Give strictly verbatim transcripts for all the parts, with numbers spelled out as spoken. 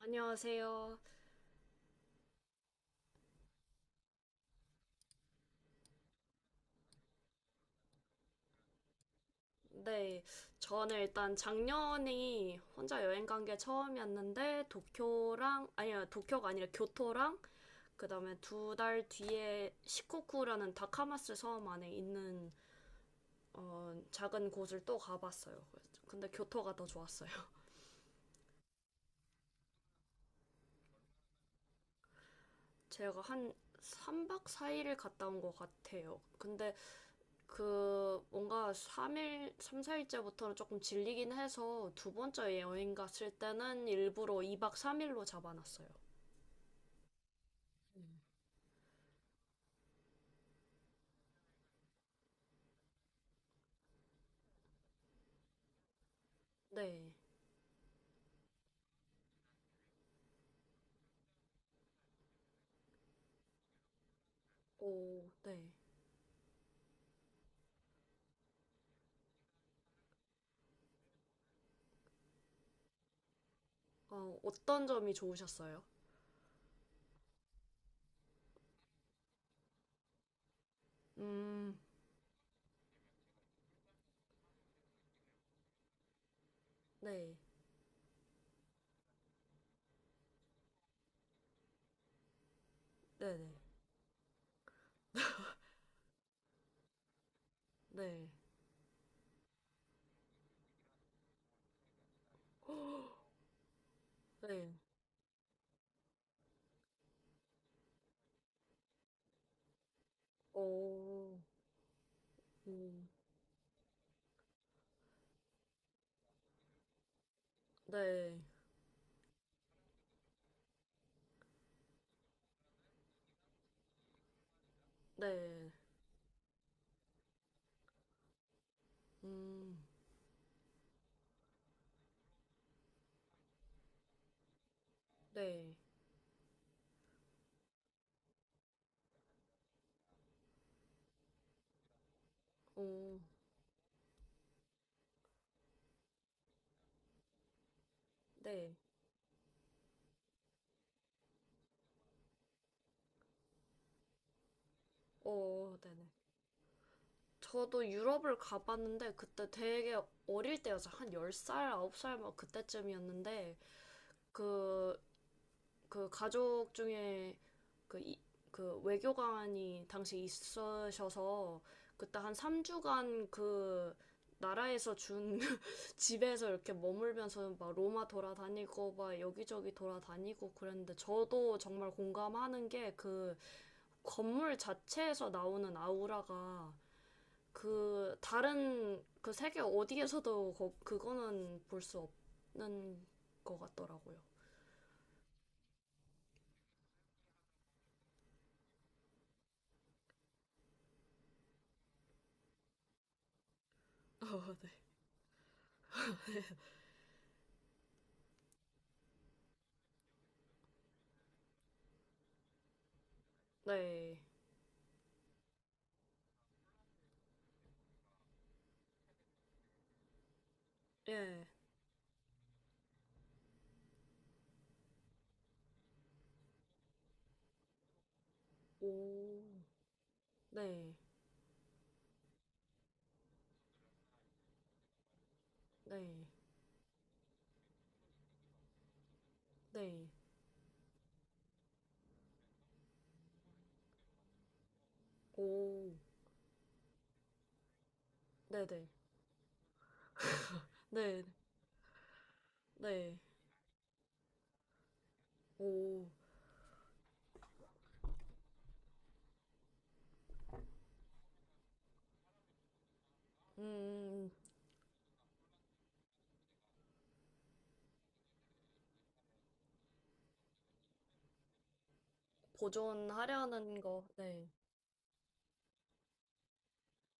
안녕하세요. 네, 저는 일단 작년이 혼자 여행 간 게 처음이었는데 도쿄랑 아니요 도쿄가 아니라 교토랑 그다음에 두 달 뒤에 시코쿠라는 다카마스 섬 안에 있는 어, 작은 곳을 또 가봤어요. 그래서- 근데 교토가 더 좋았어요. 제가 한 삼 박 사 일을 갔다 온 것 같아요. 근데 그 뭔가 삼 일, 삼, 사 일째부터는 조금 질리긴 해서 두 번째 여행 갔을 때는 일부러 이 박 삼 일로 잡아놨어요. 네. 오, 네. 어, 어떤 점이 좋으셨어요? 음, 네. 네네. 네. 네. 오, 음, 네. 네. 음, 네. 오, 네. 오, 네네. 저도 유럽을 가봤는데 그때 되게 어릴 때여서 한 열 살, 아홉 살 막 그때쯤이었는데 그, 그 가족 중에 그, 이, 그 외교관이 당시 있으셔서 그때 한 삼 주간 그 나라에서 준 집에서 이렇게 머물면서 막 로마 돌아다니고 막 여기저기 돌아다니고 그랬는데 저도 정말 공감하는 게 그 건물 자체에서 나오는 아우라가 그 다른 그 세계 어디에서도 거, 그거는 볼 수 없는 것 같더라고요. 네, 예, 오, 네, 네, 네, 오, 네, 네, 네, 네, 오, 음, 음. 보존하려는 거, 네,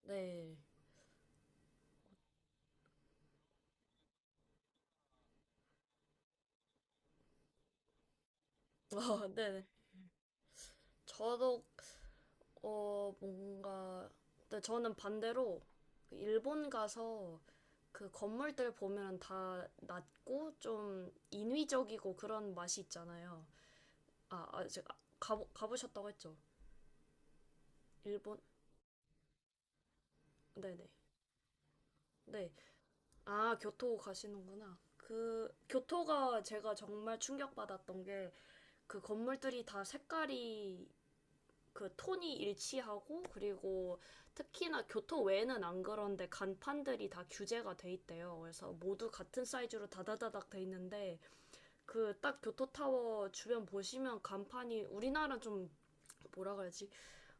네, 아, 네, 저도 어, 뭔가, 근데 저는 반대로 일본 가서 그 건물들 보면 다 낮고 좀 인위적이고 그런 맛이 있잖아요. 아, 아 제가 가, 가보셨다고 했죠? 일본? 네네. 네. 아, 교토 가시는구나. 그, 교토가 제가 정말 충격받았던 게 그 건물들이 다 색깔이 그 톤이 일치하고 그리고 특히나 교토 외에는 안 그런데 간판들이 다 규제가 돼 있대요. 그래서 모두 같은 사이즈로 다다다닥 돼 있는데 그 딱 교토 타워 주변 보시면 간판이 우리나라 좀 뭐라 그러지?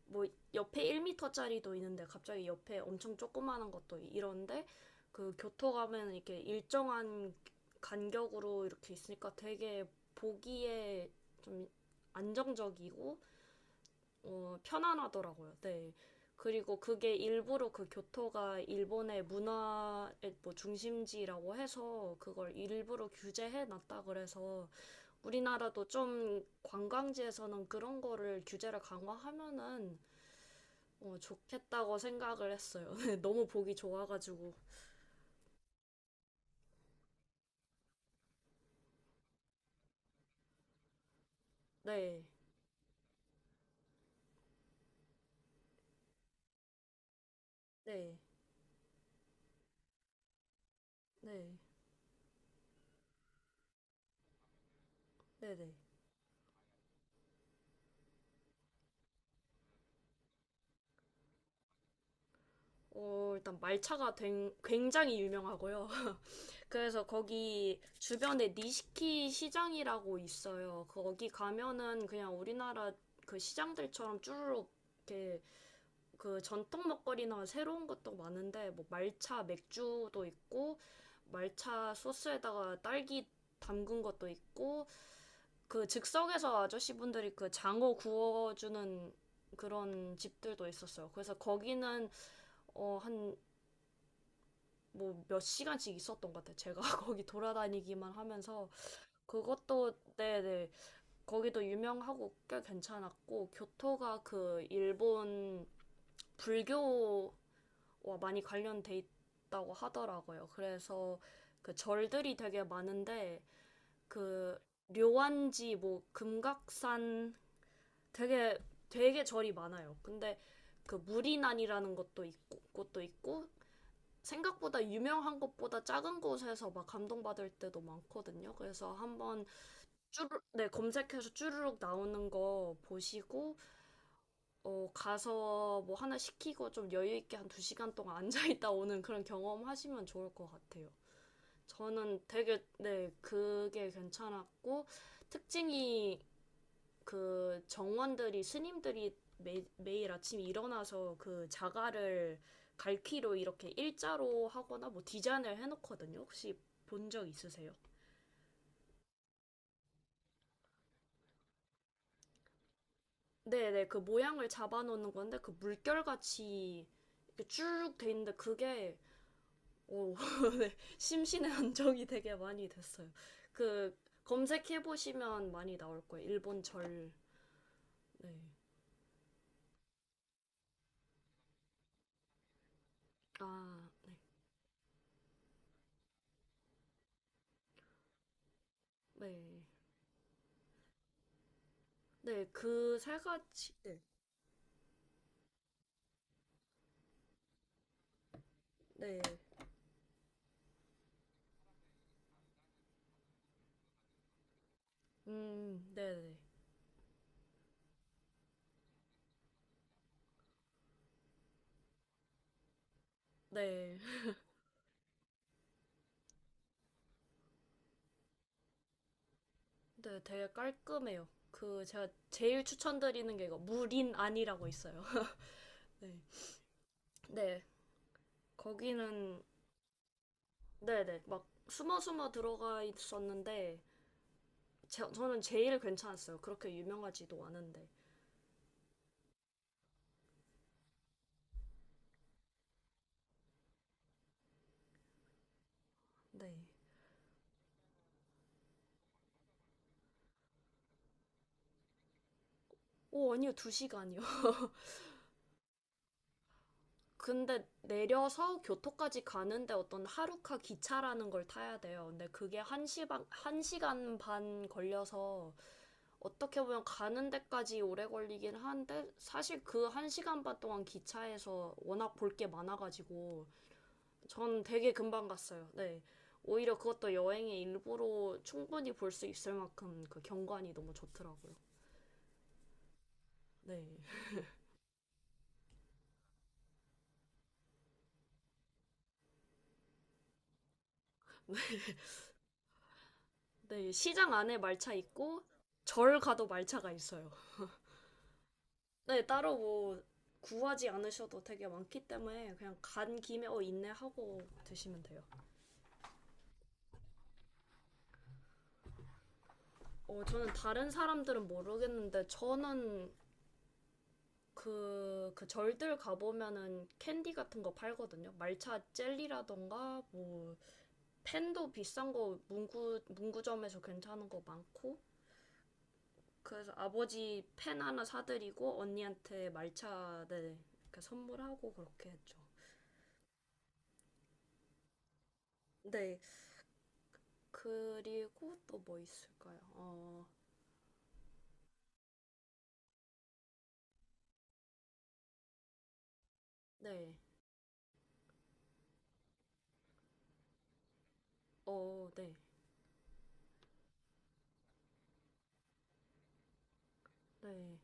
뭐 옆에 일 미터짜리도 있는데 갑자기 옆에 엄청 조그마한 것도 이런데 그 교토 가면 이렇게 일정한 간격으로 이렇게 있으니까 되게 보기에 좀 안정적이고 어, 편안하더라고요. 네. 그리고 그게 일부러 그 교토가 일본의 문화의 뭐 중심지라고 해서 그걸 일부러 규제해 놨다 그래서 우리나라도 좀 관광지에서는 그런 거를 규제를 강화하면은 어, 좋겠다고 생각을 했어요. 네, 너무 보기 좋아가지고. 네. 네. 네. 네네. 어, 일단 말차가 된- 굉장히 유명하고요. 그래서 거기 주변에 니시키 시장이라고 있어요. 거기 가면은 그냥 우리나라 그 시장들처럼 쭈루룩 이렇게 그 전통 먹거리나 새로운 것도 많은데 뭐 말차 맥주도 있고 말차 소스에다가 딸기 담근 것도 있고 그 즉석에서 아저씨분들이 그 장어 구워주는 그런 집들도 있었어요. 그래서 거기는 어, 한 뭐 몇 시간씩 있었던 것 같아요. 제가 거기 돌아다니기만 하면서 그것도 네네 거기도 유명하고 꽤 괜찮았고 교토가 그 일본 불교와 많이 관련돼 있다고 하더라고요. 그래서 그 절들이 되게 많은데 그 료안지 뭐 금각산 되게 되게 절이 많아요. 근데 그 무리난이라는 것도 있고 곳도 있고 생각보다 유명한 것보다 작은 곳에서 막 감동받을 때도 많거든요. 그래서 한번 쭈르, 네, 검색해서 쭈르륵 나오는 거 보시고, 어, 가서 뭐 하나 시키고 좀 여유 있게 한 두 시간 동안 앉아있다 오는 그런 경험 하시면 좋을 것 같아요. 저는 되게, 네, 그게 괜찮았고, 특징이 그 정원들이, 스님들이 매, 매일 아침에 일어나서 그 자갈을 갈퀴로 이렇게 일자로 하거나 뭐 디자인을 해놓거든요. 혹시 본 적 있으세요? 네네, 그 모양을 잡아놓는 건데, 그 물결같이 이렇게 쭉 돼 있는데, 그게, 오, 네, 심신의 안정이 되게 많이 됐어요. 그, 검색해보시면 많이 나올 거예요. 일본 절. 네. 아, 네. 네. 네, 그 세 가지. 네. 네. 음, 네네. 네. 네, 네, 되게 깔끔해요. 그, 제가 제일 추천드리는 게 이거, 무린 안이라고 있어요. 네. 네. 거기는 네네. 막 숨어 숨어 들어가 있었는데 제, 저는 제일 괜찮았어요. 그렇게 유명하지도 않은데. 네. 오, 아니요. 두 시간이요. 근데 내려서 교토까지 가는데 어떤 하루카 기차라는 걸 타야 돼요. 근데 그게 한 시간, 한 시간 반 걸려서 어떻게 보면 가는 데까지 오래 걸리긴 한데 사실 그 한 시간 반 동안 기차에서 워낙 볼 게 많아가지고 전 되게 금방 갔어요. 네. 오히려 그것도 여행의 일부로 충분히 볼 수 있을 만큼 그 경관이 너무 좋더라고요. 네. 네. 시장 안에 말차 있고, 절 가도 말차가 있어요. 네. 따로 뭐 구하지 않으셔도 되게 많기 때문에 그냥 간 김에 어, 있네 하고 드시면 돼요. 어, 저는 다른 사람들은 모르겠는데, 저는 그, 그 절들 가보면은 캔디 같은 거 팔거든요. 말차 젤리라던가, 뭐, 펜도 비싼 거 문구 문구점에서 괜찮은 거 많고 그래서 아버지 펜 하나 사드리고 언니한테 말차 네 이렇게 선물하고 그렇게 했죠. 네 그리고 또 뭐 있을까요? 어 네. 어, 네. 네.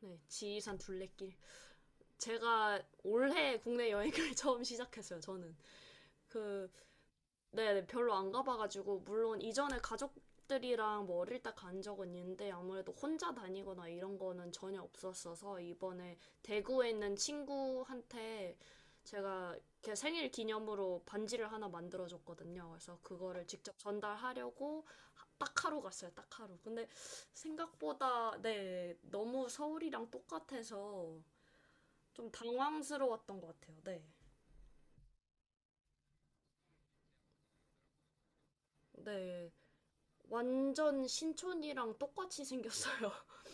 네. 지리산 둘레길. 제가 올해 국내 여행을 처음 시작했어요, 저는. 그 네, 네, 별로 안 가봐가지고, 물론 이전에 가족들이랑 뭐 어릴 때 간 적은 있는데, 아무래도 혼자 다니거나 이런 거는 전혀 없었어서, 이번에 대구에 있는 친구한테 제가 걔 생일 기념으로 반지를 하나 만들어줬거든요. 그래서 그거를 직접 전달하려고 하- 딱 하루 갔어요, 딱 하루. 근데 생각보다, 네, 너무 서울이랑 똑같아서 좀 당황스러웠던 것 같아요, 네. 네. 완전 신촌이랑 똑같이 생겼어요.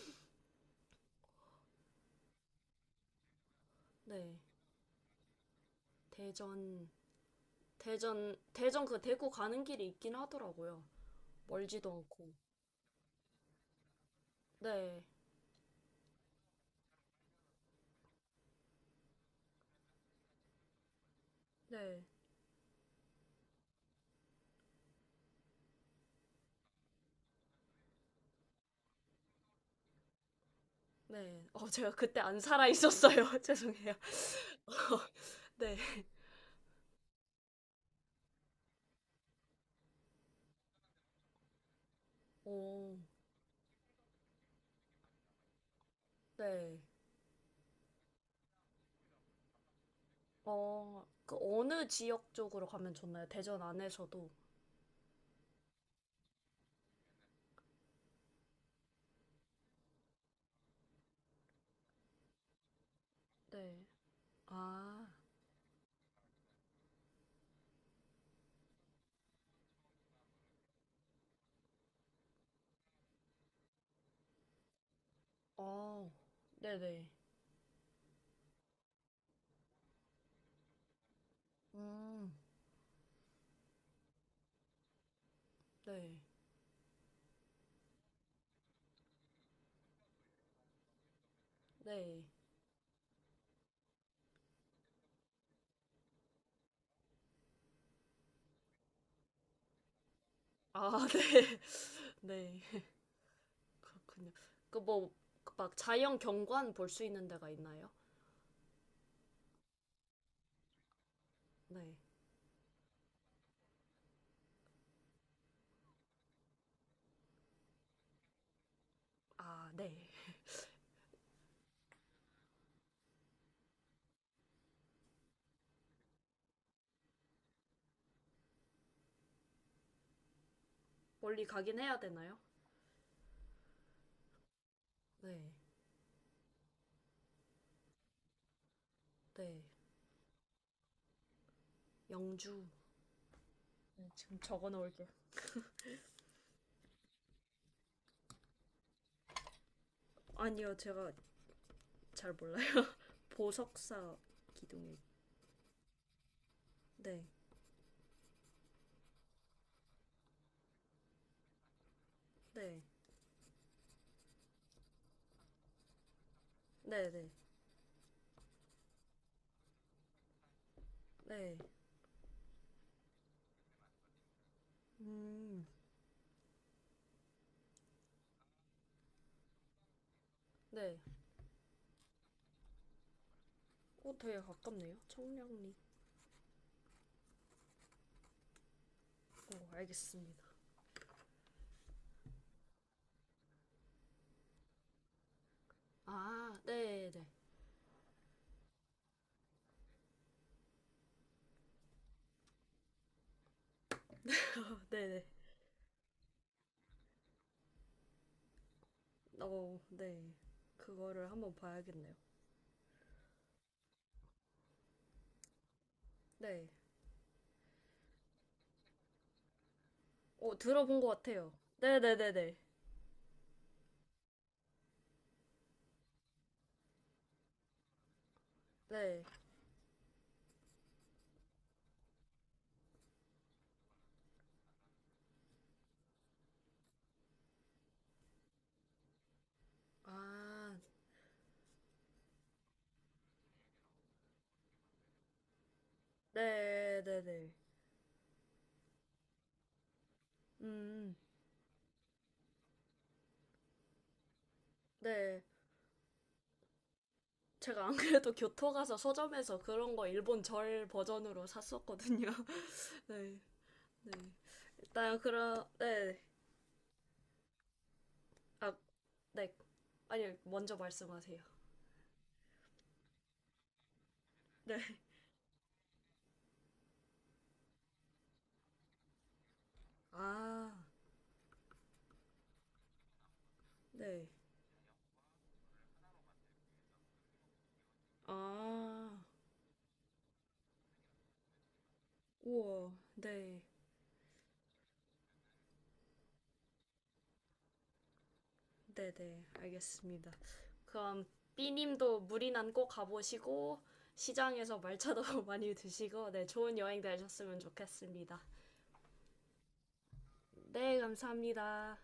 네. 대전, 대전, 대전 그 대구 가는 길이 있긴 하더라고요. 멀지도 않고. 네. 네. 네. 어, 제가 그때 안 살아 있었어요. 죄송해요. 네. 오, 네. 어, 그 어느 지역 쪽으로 가면 좋나요? 대전 안에서도. 네. 아, 어, 네네. 음, 네. 네. 아, 네. 네. 그렇군요. 그뭐 그 막 자연 경관 볼 수 있는 데가 있나요? 네. 아, 네. 멀리 가긴 해야 되나요? 네. 네. 영주. 네, 지금 적어 놓을게요. 아니요, 제가 잘 몰라요. 보석사 기둥이 네. 네. 네, 네. 네. 음. 네. 어, 되게 가깝네요. 청량리. 어, 알겠습니다. 아, 네, 네. 어, 네, 네. 어, 네. 그거를 한번 봐야겠네요. 네. 어, 들어본 것 같아요. 네네네네. 네. 아, 네네네. 음, 네. 제가 안 그래도 교토 가서 서점에서 그런 거 일본 절 버전으로 샀었거든요. 네. 네. 일단 그런, 네. 아, 네. 아니, 먼저 말씀하세요. 네. 아, 네. 아, 우와, 네. 네네, 알겠습니다. 그럼 B님도 무리난 꼭 가보시고, 시장에서 말차도 많이 드시고, 네, 좋은 여행 되셨으면 좋겠습니다. 네, 감사합니다.